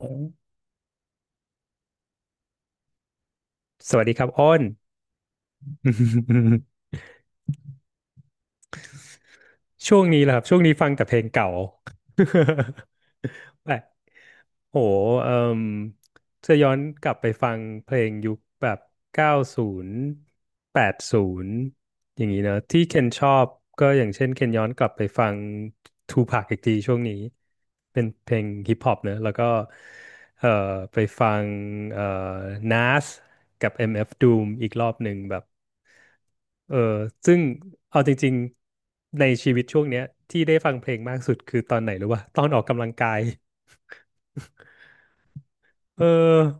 โอ้สวัสดีครับอ้น ช่วงนี้แหละครับช่วงนี้ฟังแต่เพลงเก่า แบบโหเอ่ม เะอย้อนกลับไปฟังเพลงยุคแบบ9080อย่างนี้เนอะที่เคนชอบก็อย่างเช่นเคนย้อนกลับไปฟังทูพ a c อีกทีช่วงนี้เป็นเพลงฮิปฮอปเนอะแล้วก็เอ่อไปฟังเอ่อ Nas กับ MF Doom อีกรอบหนึ่งแบบเออซึ่งเอาจริงๆในชีวิตช่วงเนี้ยที่ได้ฟังเพลงมากสุดคือตอนไหนรู้ป่ะตอนออกกำลังกาย เออ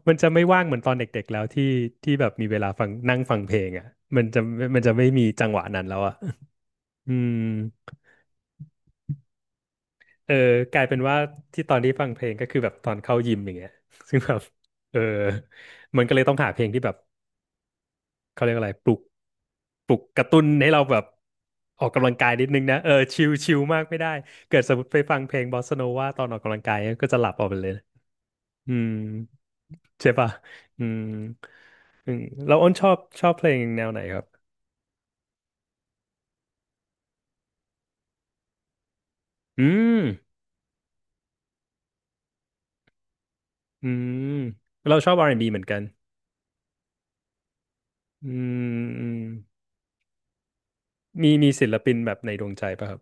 มันจะไม่ว่างเหมือนตอนเด็กๆแล้วที่ที่แบบมีเวลาฟังนั่งฟังเพลงอ่ะมันจะมันจะไม่มีจังหวะนั้นแล้วอ่ะ อืมเออกลายเป็นว่าที่ตอนที่ฟังเพลงก็คือแบบตอนเข้ายิมอย่างเงี้ย ซึ่งแบบเออมันก็เลยต้องหาเพลงที่แบบเขาเรียกอะไรปลุกปลุกกระตุ้นให้เราแบบออกกำลังกายนิดนึงนะเออชิลชิลมากไม่ได้เกิดสมมติไปฟังเพลงบอสซาโนวาตอนออกกำลังกายก็จะหลับออกไปเลยอืมใช่ป่ะอืมอืมแล้วอ้นชอบเพลงแนวไหนครับ อืมอืมเราชอบ R&B เหมือนกันอืมอืมมีศิลปินแบบในดวงใจป่ะครับ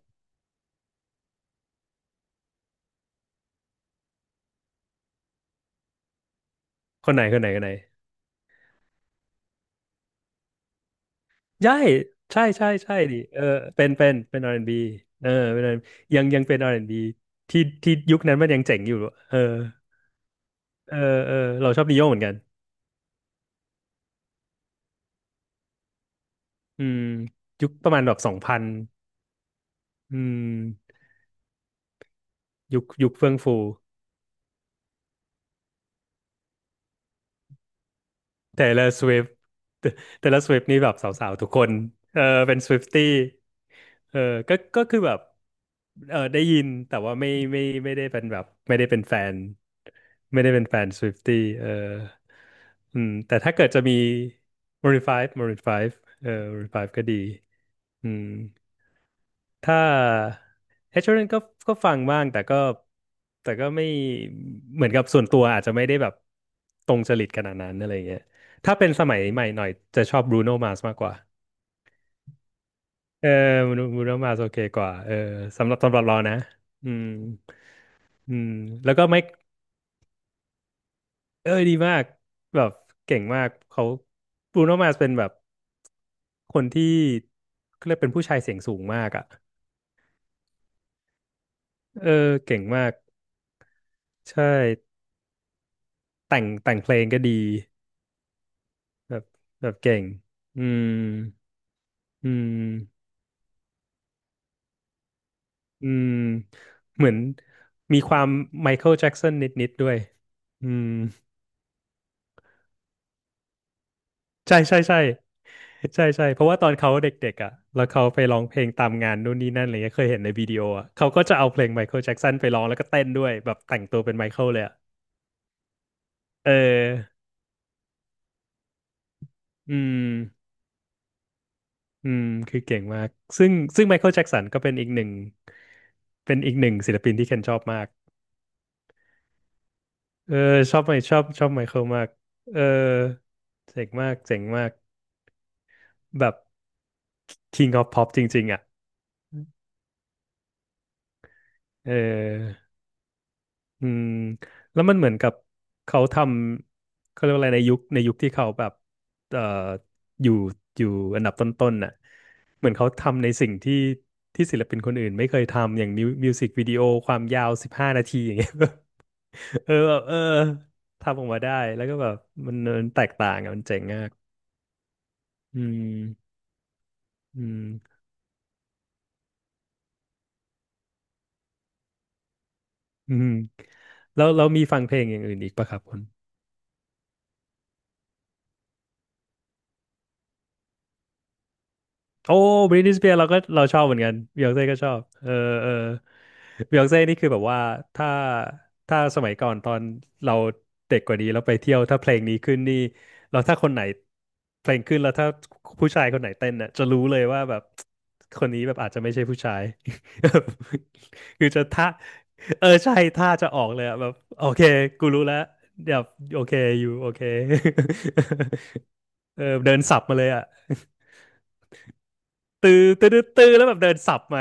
คนไหนคนไหนคนไหนใช่ใช่ใช่ใช่ดิเออเป็น R&B เออเป็น R&B ยังเป็น R&B ที่ที่ยุคนั้นมันยังเจ๋งอยู่เออเออเออเราชอบดิโยเหมือนกันอืมยุคประมาณแบบ2000อืมยุคเฟื่องฟู t a y l o r Swift เ a y l o r Swift นี่แบบสาวๆทุกคนเออเป็น Swiftie เออก็คือแบบเออได้ยินแต่ว่าไม่ได้เป็นแบบไม่ได้เป็นแฟนไม่ได้เป็นแฟน Swiftie เอออืมแต่ถ้าเกิดจะมี Maroon 5 Maroon 5เออ Maroon 5ก็ดีอืม ถ้าเอชเชอร์ก็ก็ฟังบ้างแต่ก็แต่ก็ไม่เหมือนกับส่วนตัวอาจจะไม่ได้แบบตรงจริตขนาดนั้นอะไรเงี้ยถ้าเป็นสมัยใหม่หน่อยจะชอบบรูโนมา r s มากกว่าเออบรูโนมา r s โอเคกว่าเออสำหรับเรานะอืมอืมแล้วก็ไมค์เอ้ยดีมากแบบเก่งมากเขาบรูโนมา r s เป็นแบบคนที่เขาเรียกเป็นผู้ชายเสียงสูงมากอ่ะเออเก่งมากใช่แต่งเพลงก็ดี แบบแบบเก่งอืมอืมอืมเหมือนมีความไมเคิลแจ็กสันนิดๆด้วยอืมใช่ใช่ใช่ใช่ใช่เพราะว่าตอนเขาเด็กๆอ่ะแล้วเขาไปร้องเพลงตามงานนู่นนี่นั่นอะไรเงี้ยเคยเห็นในวิดีโออ่ะเขาก็จะเอาเพลงไมเคิลแจ็กสันไปร้องแล้วก็เต้นด้วยแบบแต่งตัวเป็นไมเคิลเลยอ่ะเอออืมอืมคือเก่งมากซึ่งไมเคิลแจ็กสันก็เป็นอีกหนึ่งเป็นอีกหนึ่งศิลปินที่เคนชอบมาก เออชอบไหมชอบชอบไมเคิลมากเออเจ๋งมากเจ๋งมากแบบ King of Pop จริงๆอ่ะเอออืมแล้วมันเหมือนกับเขาทำเขาเรียกว่าอะไรในยุคในยุคที่เขาแบบเอ่ออยู่อยู่อันดับต้นๆน่ะเหมือนเขาทำในสิ่งที่ที่ศิลปินคนอื่นไม่เคยทำอย่างมิวมิวสิกวิดีโอความยาว15 นาทีอย่างเงี้ย เออแบบเออทำออกมาได้แล้วก็แบบมันมันแตกต่างอ่ะมันเจ๋งมากอืม อืมอืมแล้วเรามีฟังเพลงอย่างอื่นอีกปะครับคุณ โอ้บริทนีย์สเปียร์เราก็เราชอบเหมือนกันบิยอนเซ่ก็ชอบเออเออบิยอนเซ่นี่คือแบบว่าถ้าถ้าสมัยก่อนตอนเราเด็กกว่านี้เราไปเที่ยวถ้าเพลงนี้ขึ้นนี่เราถ้าคนไหนเพลงขึ้นแล้วถ้าผู้ชายคนไหนเต้นน่ะจะรู้เลยว่าแบบคนนี้แบบอาจจะไม่ใช่ผู้ชาย คือจะท่าเออใช่ท่าจะออกเลยอะแบบโอเคกูรู้แล้วเดี๋ยวโอเคอยู่โอเค เออเดินสับมาเลยอ่ะ ตื้อตื้อตื้อตื้อแล้วแบบเดินสับมา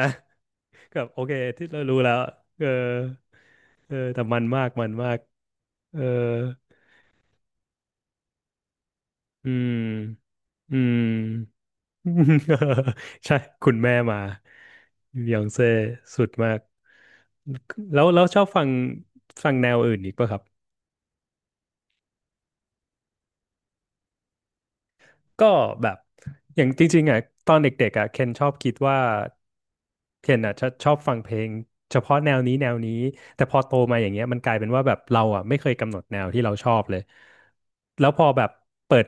แบบโอเคที่เรารู้แล้วเออเออแต่มันมากมันมากเอออืมอืม ใช่คุณแม่มาบยองเซ่สุดมากแล้วชอบฟังฟังแนวอื่นอีกป่ะครับ ก็แบบอย่างจริงๆอ่ะตอนเด็กๆอ่ะเคนชอบคิดว่าเคนอ่ะชอบชอบฟังเพลงเฉพาะแนวนี้แนวนี้แต่พอโตมาอย่างเงี้ยมันกลายเป็นว่าแบบเราอ่ะไม่เคยกำหนดแนวที่เราชอบเลยแล้วพอแบบเปิด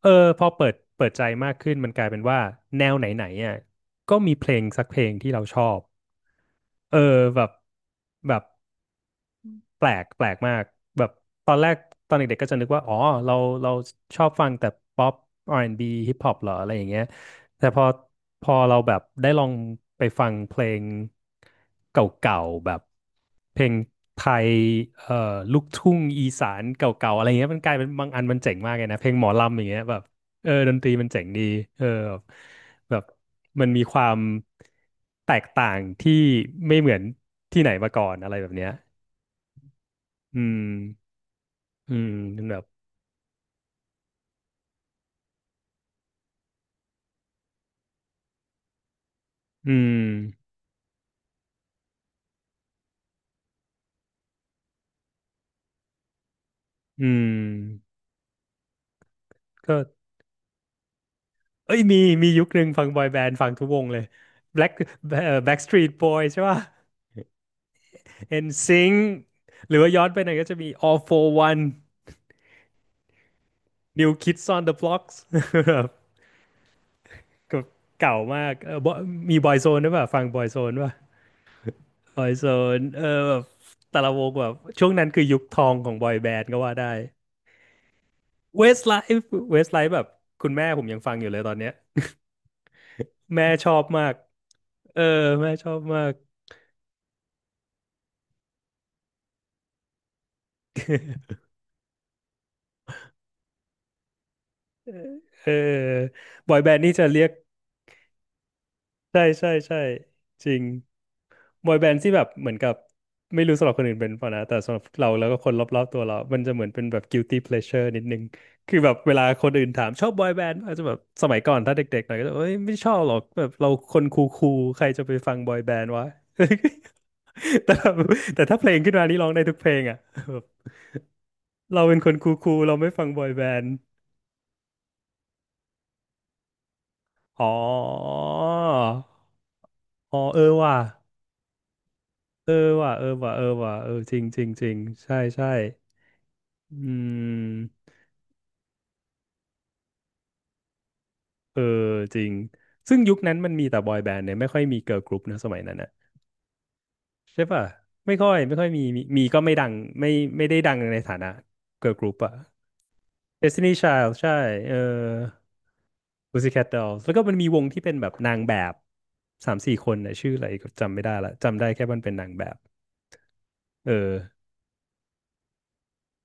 เออพอเปิดใจมากขึ้นมันกลายเป็นว่าแนวไหนๆอ่ะก็มีเพลงสักเพลงที่เราชอบเออแบบแบบ แปลกมากแบบตอนแรกตอนเด็กๆก็จะนึกว่าอ๋อเราเราชอบฟังแต่ป๊อปอาร์แอนด์บีฮิปฮอปเหรออะไรอย่างเงี้ยแต่พอเราแบบได้ลองไปฟังเพลงเก่าๆแบบเพลงไทยเอ่อลูกทุ่งอีสานเก่าๆอะไรเงี้ยมันกลายเป็นบางอันมันเจ๋งมากเลยนะเพลงหมอลำอย่างเงี้ยแบบเออดนตรีมันเจ๋งดีเออแบบแบบมันมีความแตกต่างที่ไม่เหมือนที่ไหนมาก่อนอะไรแบบเนี้ย อืมอืมแบบอืมอืมก็เอ้ยมีมียุคหนึ่งฟังบอยแบนด์ฟังทุกวงเลย Black เอ่อ Backstreet Boys ใช่ป่ะ NSYNC หรือว่าย้อนไปหน่อยก็จะมี All for One New Kids on the Blocks แบบเก่ามากเออ มี Boyzone ด้วยป่ะฟัง Boyzone ป่ะ Boyzone เออแบบแต่ละวงแบบช่วงนั้นคือยุคทองของบอยแบนด์ก็ว่าได้ Westlife Westlife แบบคุณแม่ผมยังฟังอยู่เลยตอนเนี้ยแม่ชอบมาก เออแม่ชอบมากเออบอยแบนด์นี่จะเรียกใช่ใช่ใช่จริงบอยแบนด์ที่แบบเหมือนกับไม่รู้สำหรับคนอื่นเป็นเปล่ะนะแต่สำหรับเราแล้วก็คนรอบๆตัวเรา มันจะเหมือนเป็นแบบ guilty pleasure นิดนึงคือแบบเวลาคนอื่นถามชอบบอยแบนด์อาจจะแบบสมัยก่อนถ้าเด็กๆหน่อยก็จะเอ้ยไม่ชอบหรอกแบบเราคนคูลๆใครจะไปฟังบอยแบนด์วะ แต่แบบแต่ถ้าเพลงขึ้นมานี่ร้องได้ทุกเพลงอ่ะ แบบเราเป็นคนคูลๆเราไม่ฟังบอยแบนด์ อ๋อ อ๋อเออว่ะเออว่ะเออว่ะเออว่ะเออจริงจริงจริงใช่ใช่อืมเออจริง ซึ่งยุคนั้นมันมีแต่บอยแบนด์เนี่ยไม่ค่อยมีเกิร์ลกรุ๊ปนะสมัยนั้นนะใช่ป่ะไม่ค่อยไม่ค่อยมีมีก็ไม่ดังไม่ไม่ได้ดังในฐานะเกิร์ลกรุ๊ปอะ Destiny Child ใช่เออ Pussycat Dolls แล้วก็มันมีวงที่เป็นแบบนางแบบสามสี่คนนะชื่ออะไรก็จำไม่ได้ละจำได้แค่มันเป็นนางแบบเออ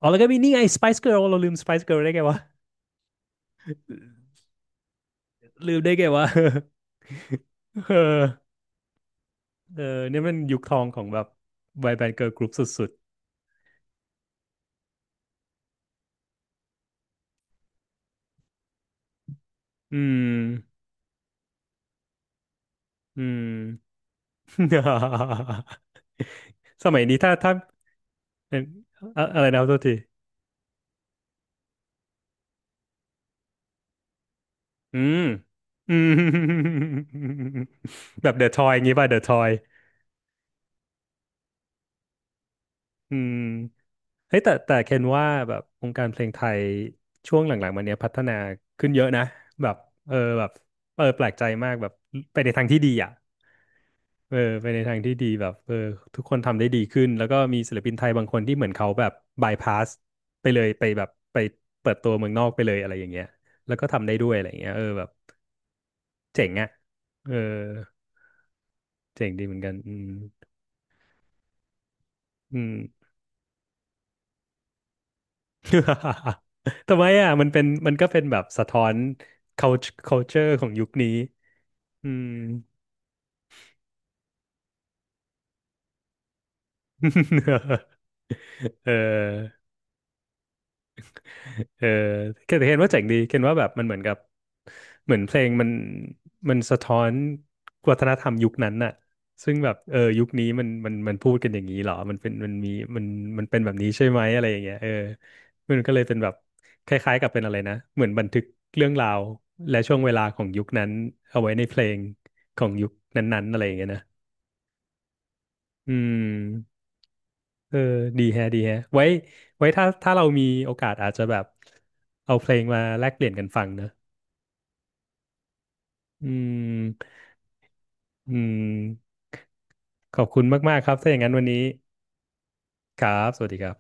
อ๋อแล้วก็มีนี่ไง Spice Girl เราลืม Spice Girl ได้ไงวะ ลืมได้ไงวะ เออเออเนี่ยมันยุคทองของแบบวัยแบนด์เกิร์ลกรุ๊ปสุดๆอืมอืม สมัยนี้ถ้าเอ่ออะอะไรนะโทษทีอืมอืม แบบเดอะทอยอย่างงี้ป่ะเดอะทอย อืมเฮ้ยแต่เคนว่าแบบวงการเพลงไทยช่วงหลังๆมาเนี้ยพัฒนาขึ้นเยอะนะแบบเออแบบเออแปลกใจมากแบบไปในทางที่ดีอ่ะเออไปในทางที่ดีแบบเออทุกคนทำได้ดีขึ้นแล้วก็มีศิลปินไทยบางคนที่เหมือนเขาแบบบายพาสไปเลยไปแบบไปเปิดตัวเมืองนอกไปเลยอะไรอย่างเงี้ยแล้วก็ทำได้ด้วยอะไรอย่างเงี้ยเออแบบเจ๋งอ่ะเออเจ๋งดีเหมือนกันอืมอืม ทำไมอ่ะมันเป็นมันก็เป็นแบบสะท้อน culture ของยุคนี้อืม เออ เออเคนเห็นว่าเจ๋งดีเคนว่าแบบมันเหมือนกับเหมือนเพลงมันสะท้อนวัฒนธรรมยุคนั้นน่ะซึ่งแบบเออยุคนี้มันมันพูดกันอย่างนี้เหรอมันเป็นมันมีมันมันเป็นแบบนี้ใช่ไหมอะไรอย่างเงี้ยเออมันก็เลยเป็นแบบคล้ายๆกับเป็นอะไรนะเหมือนบันทึกเรื่องราวและช่วงเวลาของยุคนั้นเอาไว้ในเพลงของยุคนั้นๆอะไรอย่างเงี้ยนะอืมเออดีแฮะดีแฮะไว้ถ้าเรามีโอกาสอาจจะแบบเอาเพลงมาแลกเปลี่ยนกันฟังนะ อืมอืมขอบคุณมากๆครับถ้าอย่างนั้นวันนี้ครับสวัสดีครับ